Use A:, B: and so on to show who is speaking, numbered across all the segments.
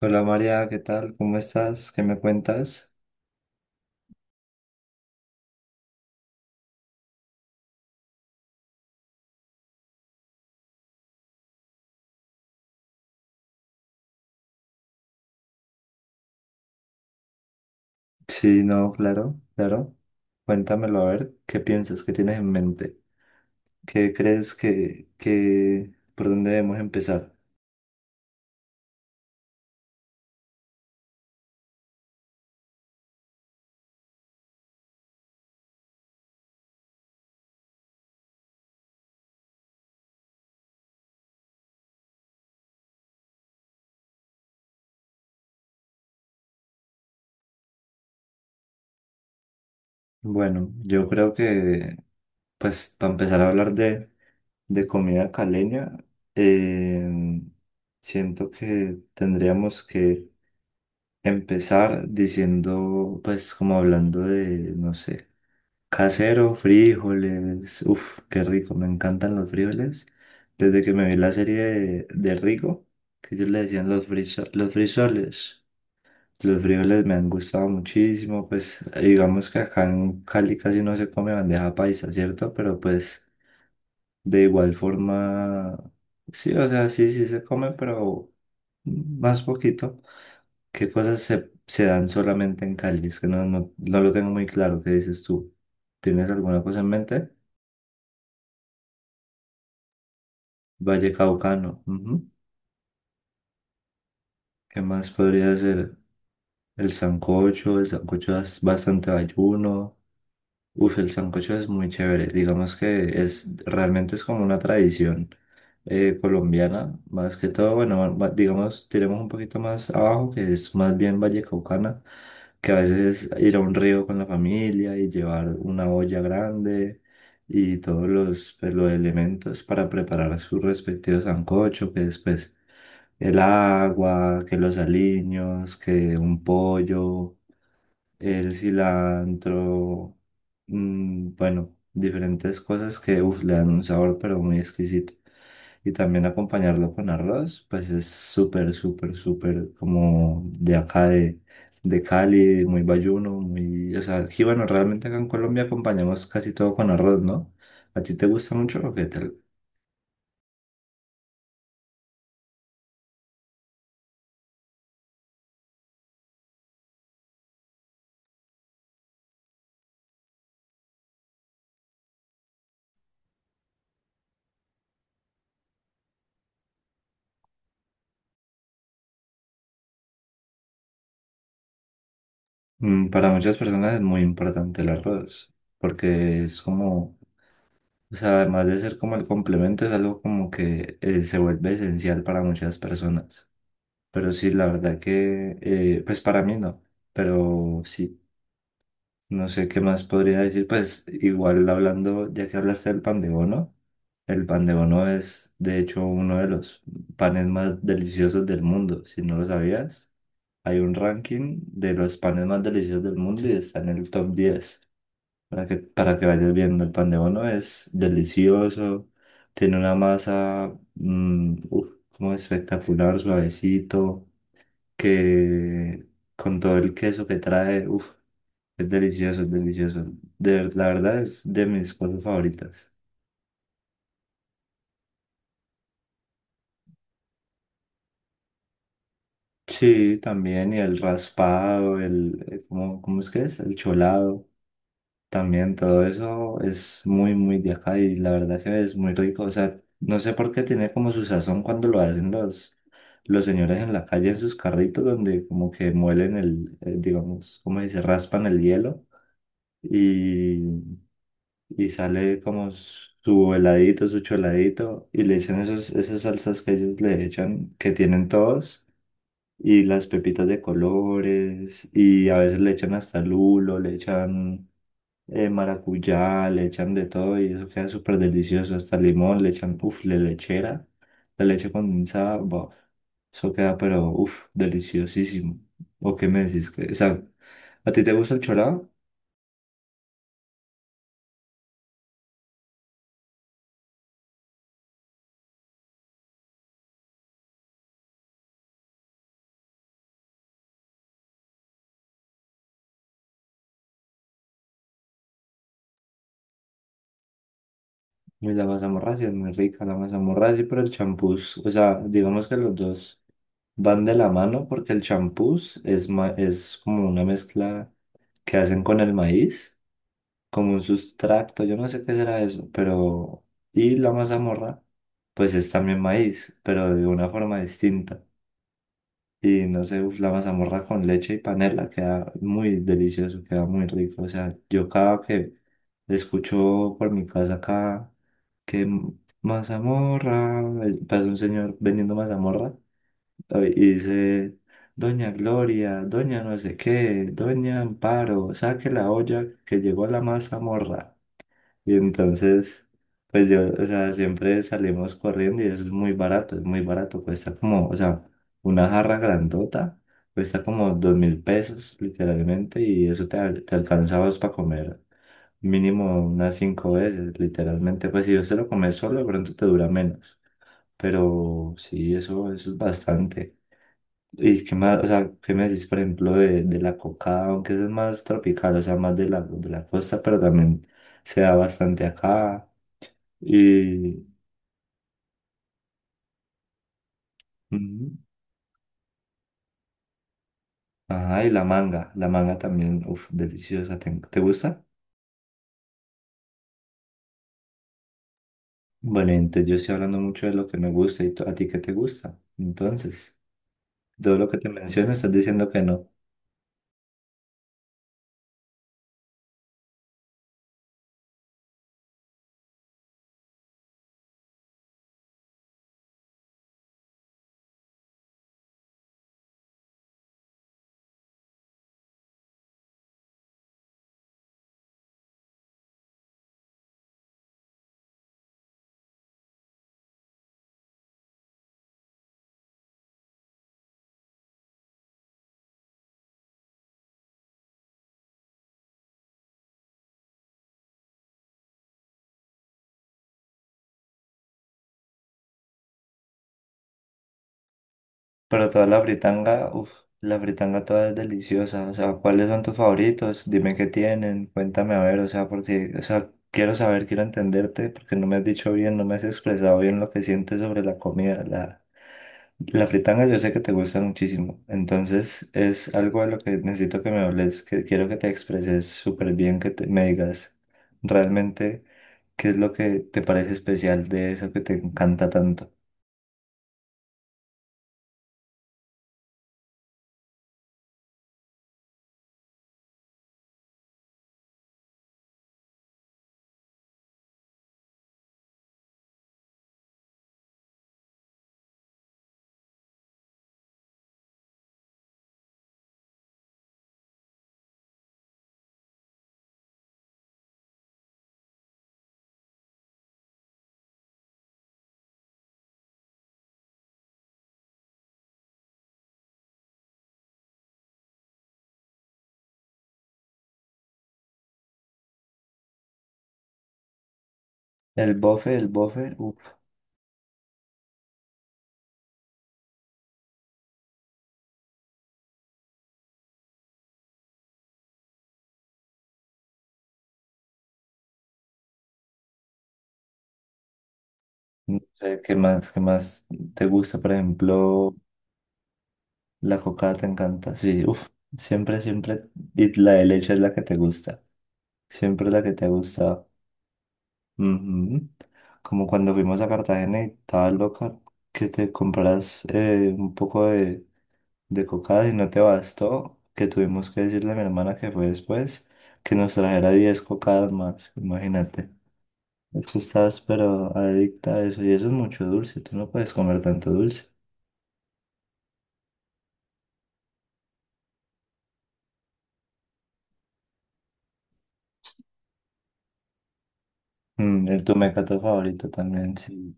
A: Hola María, ¿qué tal? ¿Cómo estás? ¿Qué me cuentas? Sí, no, claro, claro. Cuéntamelo a ver, ¿qué piensas? ¿Qué tienes en mente? ¿Qué crees que, por dónde debemos empezar? Bueno, yo creo que, pues, para empezar a hablar de comida caleña, eh, siento que tendríamos que empezar diciendo, pues, como hablando de, no sé. Casero, frijoles. Uf, qué rico, me encantan los frijoles. Desde que me vi la serie de Rigo, que ellos le decían los los frisoles. Los frijoles me han gustado muchísimo, pues digamos que acá en Cali casi no se come bandeja paisa, ¿cierto? Pero pues de igual forma, sí, o sea, sí, sí se come, pero más poquito. ¿Qué cosas se dan solamente en Cali? Es que no, no, no lo tengo muy claro, ¿qué dices tú? ¿Tienes alguna cosa en mente? Valle Caucano. Ujú. ¿Qué más podría ser? El sancocho es bastante ayuno. Uf, el sancocho es muy chévere. Digamos que es realmente es como una tradición. Colombiana, más que todo, bueno, digamos, tiremos un poquito más abajo, que es más bien vallecaucana, que a veces es ir a un río con la familia y llevar una olla grande y todos los, pues, los elementos para preparar su respectivo sancocho, que después el agua, que los aliños, que un pollo el cilantro, bueno, diferentes cosas que uf, le dan un sabor pero muy exquisito. Y también acompañarlo con arroz, pues es súper, súper, súper como de acá de Cali, muy bayuno. O sea, aquí, bueno, realmente acá en Colombia acompañamos casi todo con arroz, ¿no? ¿A ti te gusta mucho o qué tal? Para muchas personas es muy importante el arroz, porque es como O sea, además de ser como el complemento, es algo como que se vuelve esencial para muchas personas. Pero sí, la verdad que, pues para mí no. Pero sí, no sé qué más podría decir. Pues igual hablando, ya que hablaste del pan de bono, el pan de bono es de hecho uno de los panes más deliciosos del mundo. Si no lo sabías, hay un ranking de los panes más deliciosos del mundo y está en el top 10 para que, vayas viendo, el pan de bono es delicioso, tiene una masa uf, como espectacular, suavecito, que con todo el queso que trae, uf, es delicioso, es delicioso. La verdad es de mis cosas favoritas. Sí, también, y el raspado, ¿cómo es que es? El cholado. También todo eso es muy, muy de acá y la verdad que es muy rico. O sea, no sé por qué tiene como su sazón cuando lo hacen los señores en la calle en sus carritos donde como que muelen digamos, como dice, raspan el hielo y, y sale como su heladito, su choladito y le echan esos, esas salsas que ellos le echan, que tienen todos. Y las pepitas de colores, y a veces le echan hasta lulo, le echan maracuyá, le echan de todo y eso queda súper delicioso. Hasta limón, le echan, uff, la lechera, la leche condensada, buah, eso queda, pero uff, deliciosísimo. ¿O qué me decís? O sea, ¿a ti te gusta el chorado? Y la mazamorracia es muy rica, la mazamorracia, pero el champús, o sea, digamos que los dos van de la mano porque el champús es como una mezcla que hacen con el maíz. Como un sustracto, yo no sé qué será eso, pero. Y la mazamorra, pues es también maíz, pero de una forma distinta. Y no sé, uf, la mazamorra con leche y panela queda muy delicioso, queda muy rico. O sea, yo cada que escucho por mi casa acá que mazamorra, pasa un señor vendiendo mazamorra y dice, Doña Gloria, Doña no sé qué, Doña Amparo, saque la olla que llegó la mazamorra. Y entonces, pues yo, o sea, siempre salimos corriendo y eso es muy barato, es muy barato. Cuesta como, o sea, una jarra grandota, cuesta como 2.000 pesos literalmente y eso te alcanzabas para comer mínimo unas cinco veces, literalmente. Pues si yo se lo comes solo, de pronto te dura menos. Pero sí, eso es bastante. ¿Y qué más, o sea, qué me decís, por ejemplo, de la coca, aunque eso es más tropical, o sea, más de la costa, pero también se da bastante acá. Y, ujú. Ajá, y la manga también, uff, deliciosa. ¿Te gusta? Bueno, entonces yo estoy hablando mucho de lo que me gusta y a ti qué te gusta. Entonces, todo lo que te menciono estás diciendo que no. Pero toda la fritanga, uff, la fritanga toda es deliciosa. O sea, ¿cuáles son tus favoritos? Dime qué tienen, cuéntame a ver, o sea, porque, o sea, quiero saber, quiero entenderte, porque no me has dicho bien, no me has expresado bien lo que sientes sobre la comida. La fritanga yo sé que te gusta muchísimo, entonces es algo de lo que necesito que me hables, que quiero que te expreses súper bien, que me digas realmente qué es lo que te parece especial de eso que te encanta tanto. El bofe, el bofe. No sé, ¿qué más te gusta? Por ejemplo, la cocada te encanta. Sí, uff, siempre, siempre. Y la de leche es la que te gusta. Siempre la que te gusta. Ujú. Como cuando fuimos a Cartagena y estaba loca, que te compras un poco de cocada y no te bastó, que tuvimos que decirle a mi hermana que fue después, que nos trajera 10 cocadas más. Imagínate. Es que estás pero adicta a eso y eso es mucho dulce, tú no puedes comer tanto dulce. El tu mecato favorito también, sí. Mm.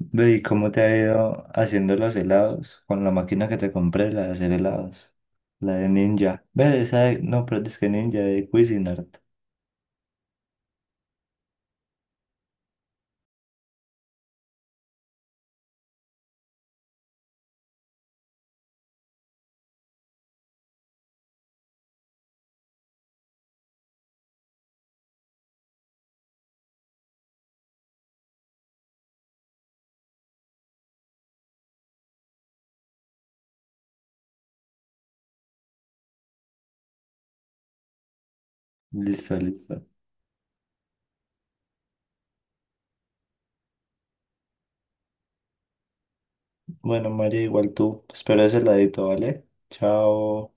A: Ve, ¿y cómo te ha ido haciendo los helados? Con la máquina que te compré, la de hacer helados. La de Ninja. Ve, no, pero es que Ninja de Cuisinart. Listo, listo. Bueno, María, igual tú. Espero ese heladito, ¿vale? Chao.